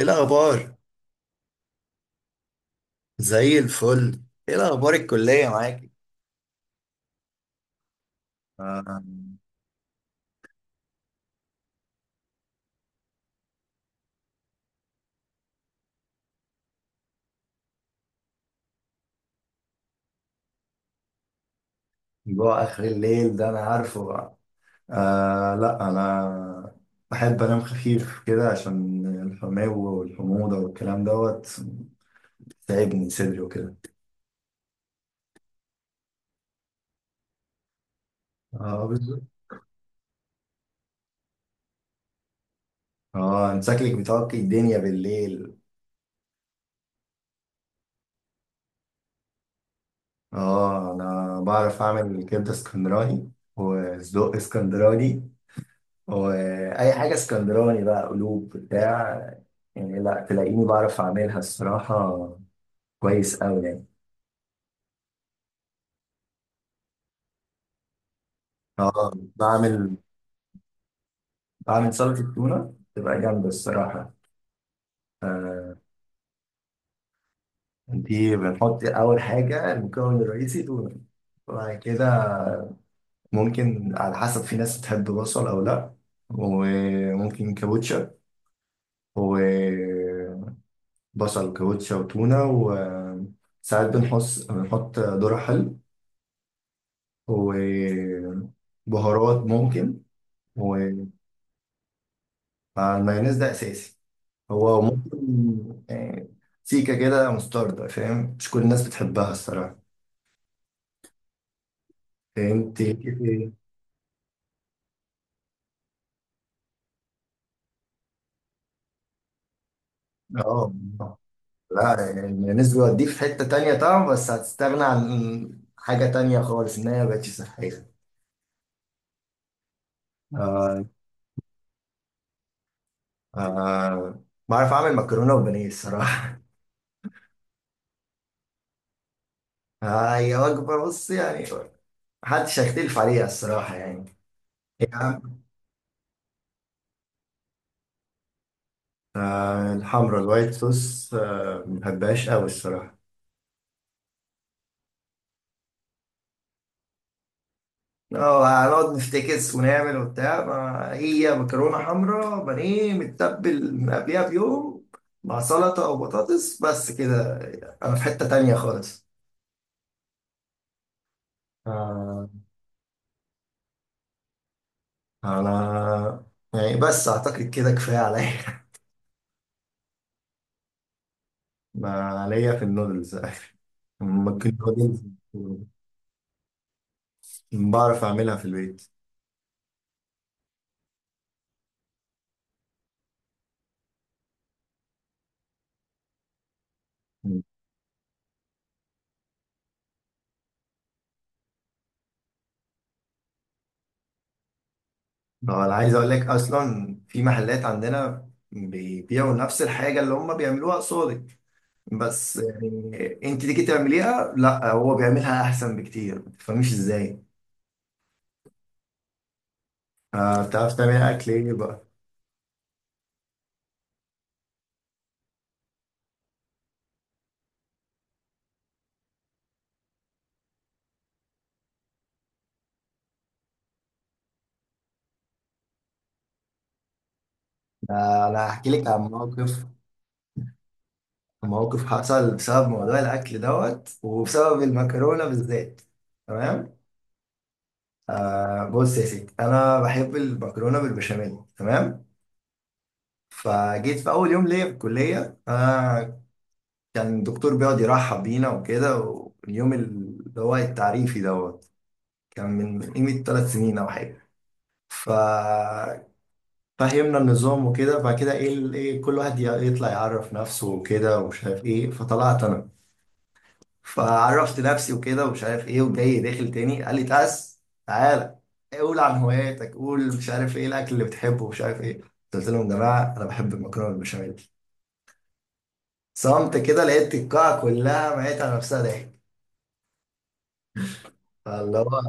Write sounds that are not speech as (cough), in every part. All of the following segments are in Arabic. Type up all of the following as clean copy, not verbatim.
ايه الاخبار؟ زي الفل. ايه الاخبار الكليه معاك؟ آه. جوع آخر الليل ده أنا عارفه بقى. آه، لا أنا بحب أنام خفيف كده عشان الحماوة والحموضة والكلام دوت تعب من صدري وكده. اه، بالظبط. اه، انت شكلك بتعكي الدنيا بالليل. اه انا بعرف اعمل كبده اسكندراني وسجق اسكندراني واي حاجه اسكندراني بقى، قلوب بتاع، يعني لا تلاقيني بعرف اعملها الصراحه، كويس قوي يعني. اه بعمل. سلطه التونه تبقى جامده الصراحه. آه. دي بنحط اول حاجه المكون الرئيسي تونه. وبعد كده ممكن على حسب، في ناس بتحب بصل او لا، وممكن كابوتشا وبصل وكابوتشا وتونه، وساعات بنحط. ذرة حلو وبهارات ممكن. والمايونيز ده اساسي. هو ممكن. آه، سيكه كده مستردة فاهم، مش كل الناس بتحبها الصراحه. انت كده- اه لا، يعني المايونيز بيوديك في حته تانية طبعا، بس هتستغنى عن حاجه تانية خالص ان هي مبقتش صحيه. آه. آه بعرف اعمل مكرونه وبانيه الصراحه. (laughs) هي وجبه بص يعني، محدش هيختلف عليها الصراحه يعني. يعني آه، الحمرا الوايت صوص، آه، ما بحبهاش قوي الصراحة. اه هنقعد نفتكس ونعمل وبتاع، ما هي مكرونة حمراء بانيه متبل من قبلها بيوم مع سلطة أو بطاطس، بس كده أنا في حتة تانية خالص. آه، أنا يعني بس أعتقد كده كفاية عليا. (laughs) ما عليا في النودلز. (laughs) ممكن نودلز. بعرف أعملها في البيت. اه انا عايز اقول لك اصلا، في محلات عندنا بيبيعوا نفس الحاجه اللي هم بيعملوها قصادك، بس يعني انت تيجي تعمليها لا، هو بيعملها احسن بكتير، ما تفهميش ازاي. آه، بتعرف تعمل اكل ايه بقى؟ آه انا هحكي لك عن موقف، موقف حصل بسبب موضوع الاكل دوت وبسبب المكرونه بالذات. تمام. آه بص يا ستي، انا بحب المكرونه بالبشاميل، تمام. فجيت في اول يوم ليا في الكليه. انا كان الدكتور بيقعد يرحب بينا وكده، واليوم اللي هو التعريفي دوت كان من قيمة ثلاث سنين أو حاجة. ففهمنا النظام وكده. بعد كده إيه ال- إيه كل واحد يطلع يعرف نفسه وكده ومش عارف إيه. فطلعت أنا فعرفت نفسي وكده ومش عارف إيه. وجاي داخل تاني قال لي تعالى قول عن هواياتك، قول مش عارف إيه الأكل اللي بتحبه ومش عارف إيه. قلت لهم يا جماعة أنا بحب المكرونة بالبشاميل. صمت كده، لقيت القاعة كلها ميت على نفسها ضحك. فاللي هو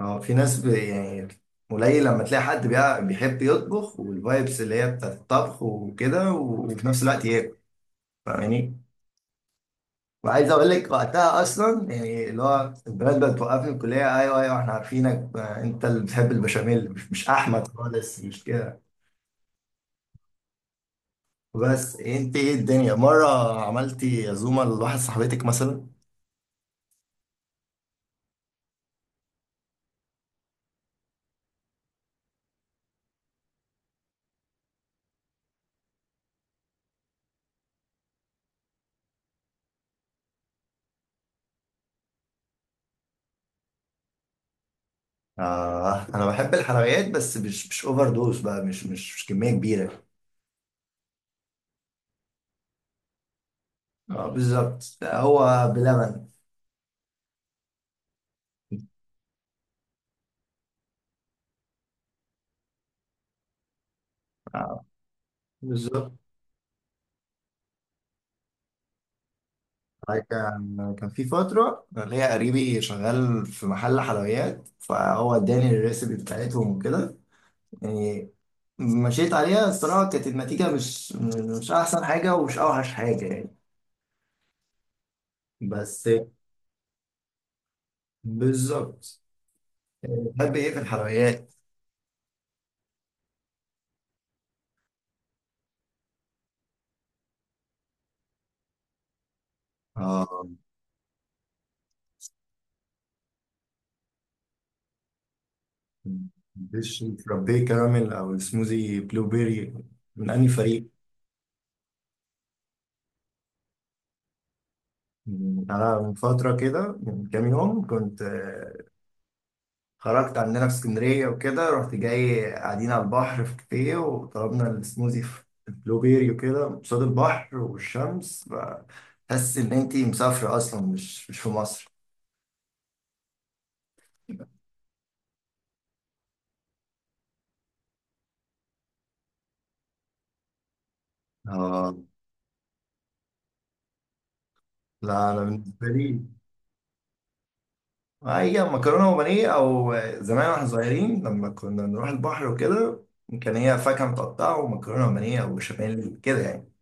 اه، في ناس يعني قليل لما تلاقي حد بيحب يطبخ، والفايبس اللي هي بتاعت الطبخ وكده، وفي نفس الوقت ياكل. فاهماني؟ وعايز اقول لك وقتها اصلا يعني، اللي هو البنات بقت توقفني في الكليه، ايوه ايوه احنا عارفينك، آه، انت اللي بتحب البشاميل، مش احمد خالص، مش كده؟ بس انت ايه الدنيا، مره عملتي عزومه لواحد صاحبتك مثلا؟ آه انا بحب الحلويات بس مش اوفر دوز بقى، مش كميه كبيره. اه بالظبط، هو بلبن. آه. بالظبط. أنا كان في فترة ليا قريبي شغال في محل حلويات، فهو اداني الريسيبي بتاعتهم وكده. يعني مشيت عليها الصراحة، كانت النتيجة مش أحسن حاجة ومش أوحش حاجة يعني. بس بالظبط. بتحب إيه في الحلويات؟ آه ديش فرابيه كراميل أو السموزي بلو بيري، من أنهي فريق؟ يعني أنا من فترة كده، من كام يوم كنت خرجت عندنا في اسكندرية وكده، رحت جاي قاعدين على البحر في كافيه وطلبنا السموزي في بلوبيري وكده قصاد البحر والشمس. بحس إن أنتي مسافرة أصلا، مش في مصر. آه، لا أنا بالنسبة لي هي مكرونة وبانيه، أو زمان واحنا صغيرين لما كنا نروح البحر وكده، كان هي فاكهة متقطعة ومكرونة وبانيه أو بشاميل كده يعني.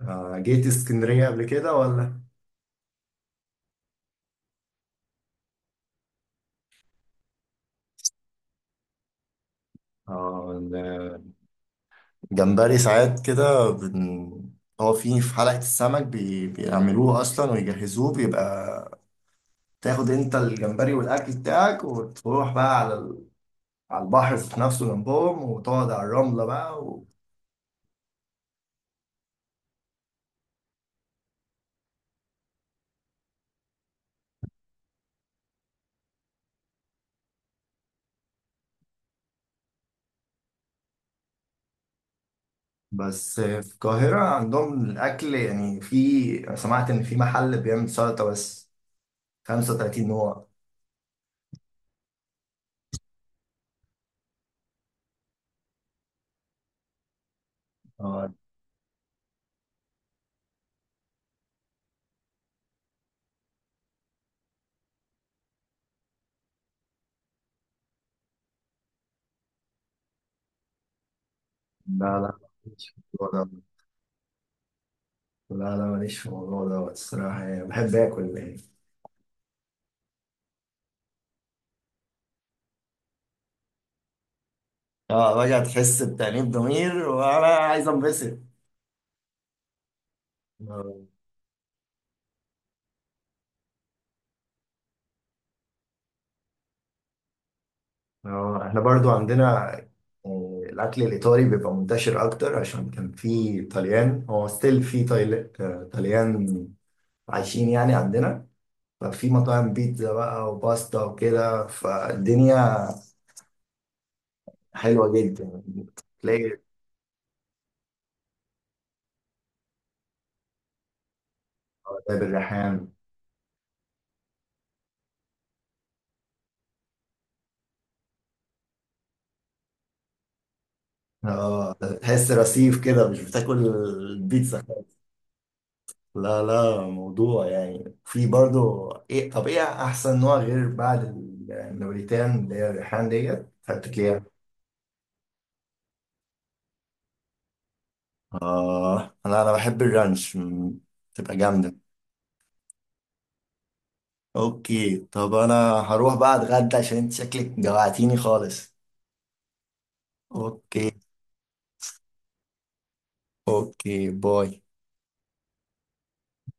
آه، جيت اسكندرية قبل كده ولا؟ آه. جمبري ساعات كده هو في في حلقة السمك بيعملوه أصلا ويجهزوه، بيبقى تاخد أنت الجمبري والأكل بتاعك وتروح بقى على على البحر في نفسه جنبهم، وتقعد على الرملة بقى بس في القاهرة عندهم الأكل يعني، في، أنا سمعت إن في محل بيعمل سلطة بس 35 نوع. آه، لا لا ماليش في الموضوع ده. لا لا ماليش في الموضوع ده الصراحة، يعني بحب آكل يعني. اه راجع تحس بتأنيب ضمير وانا عايز انبسط. آه، آه، احنا برضو عندنا آه، الاكل الايطالي بيبقى منتشر اكتر عشان كان في طليان، هو ستيل في آه، طليان عايشين يعني عندنا. ففي مطاعم بيتزا بقى وباستا وكده، فالدنيا حلوة جدا. تلاقي آه، ده بالريحان. اه تحس رصيف كده مش بتاكل البيتزا. لا لا موضوع يعني، في برضو ايه، طب ايه احسن نوع غير بعد النابريتان اللي هي الريحان ديت هاتك ليها؟ اه انا بحب الرانش، مم، تبقى جامده. اوكي طب انا هروح بقى اتغدى عشان انت شكلك جوعتيني خالص. اوكي. اوكي. باي.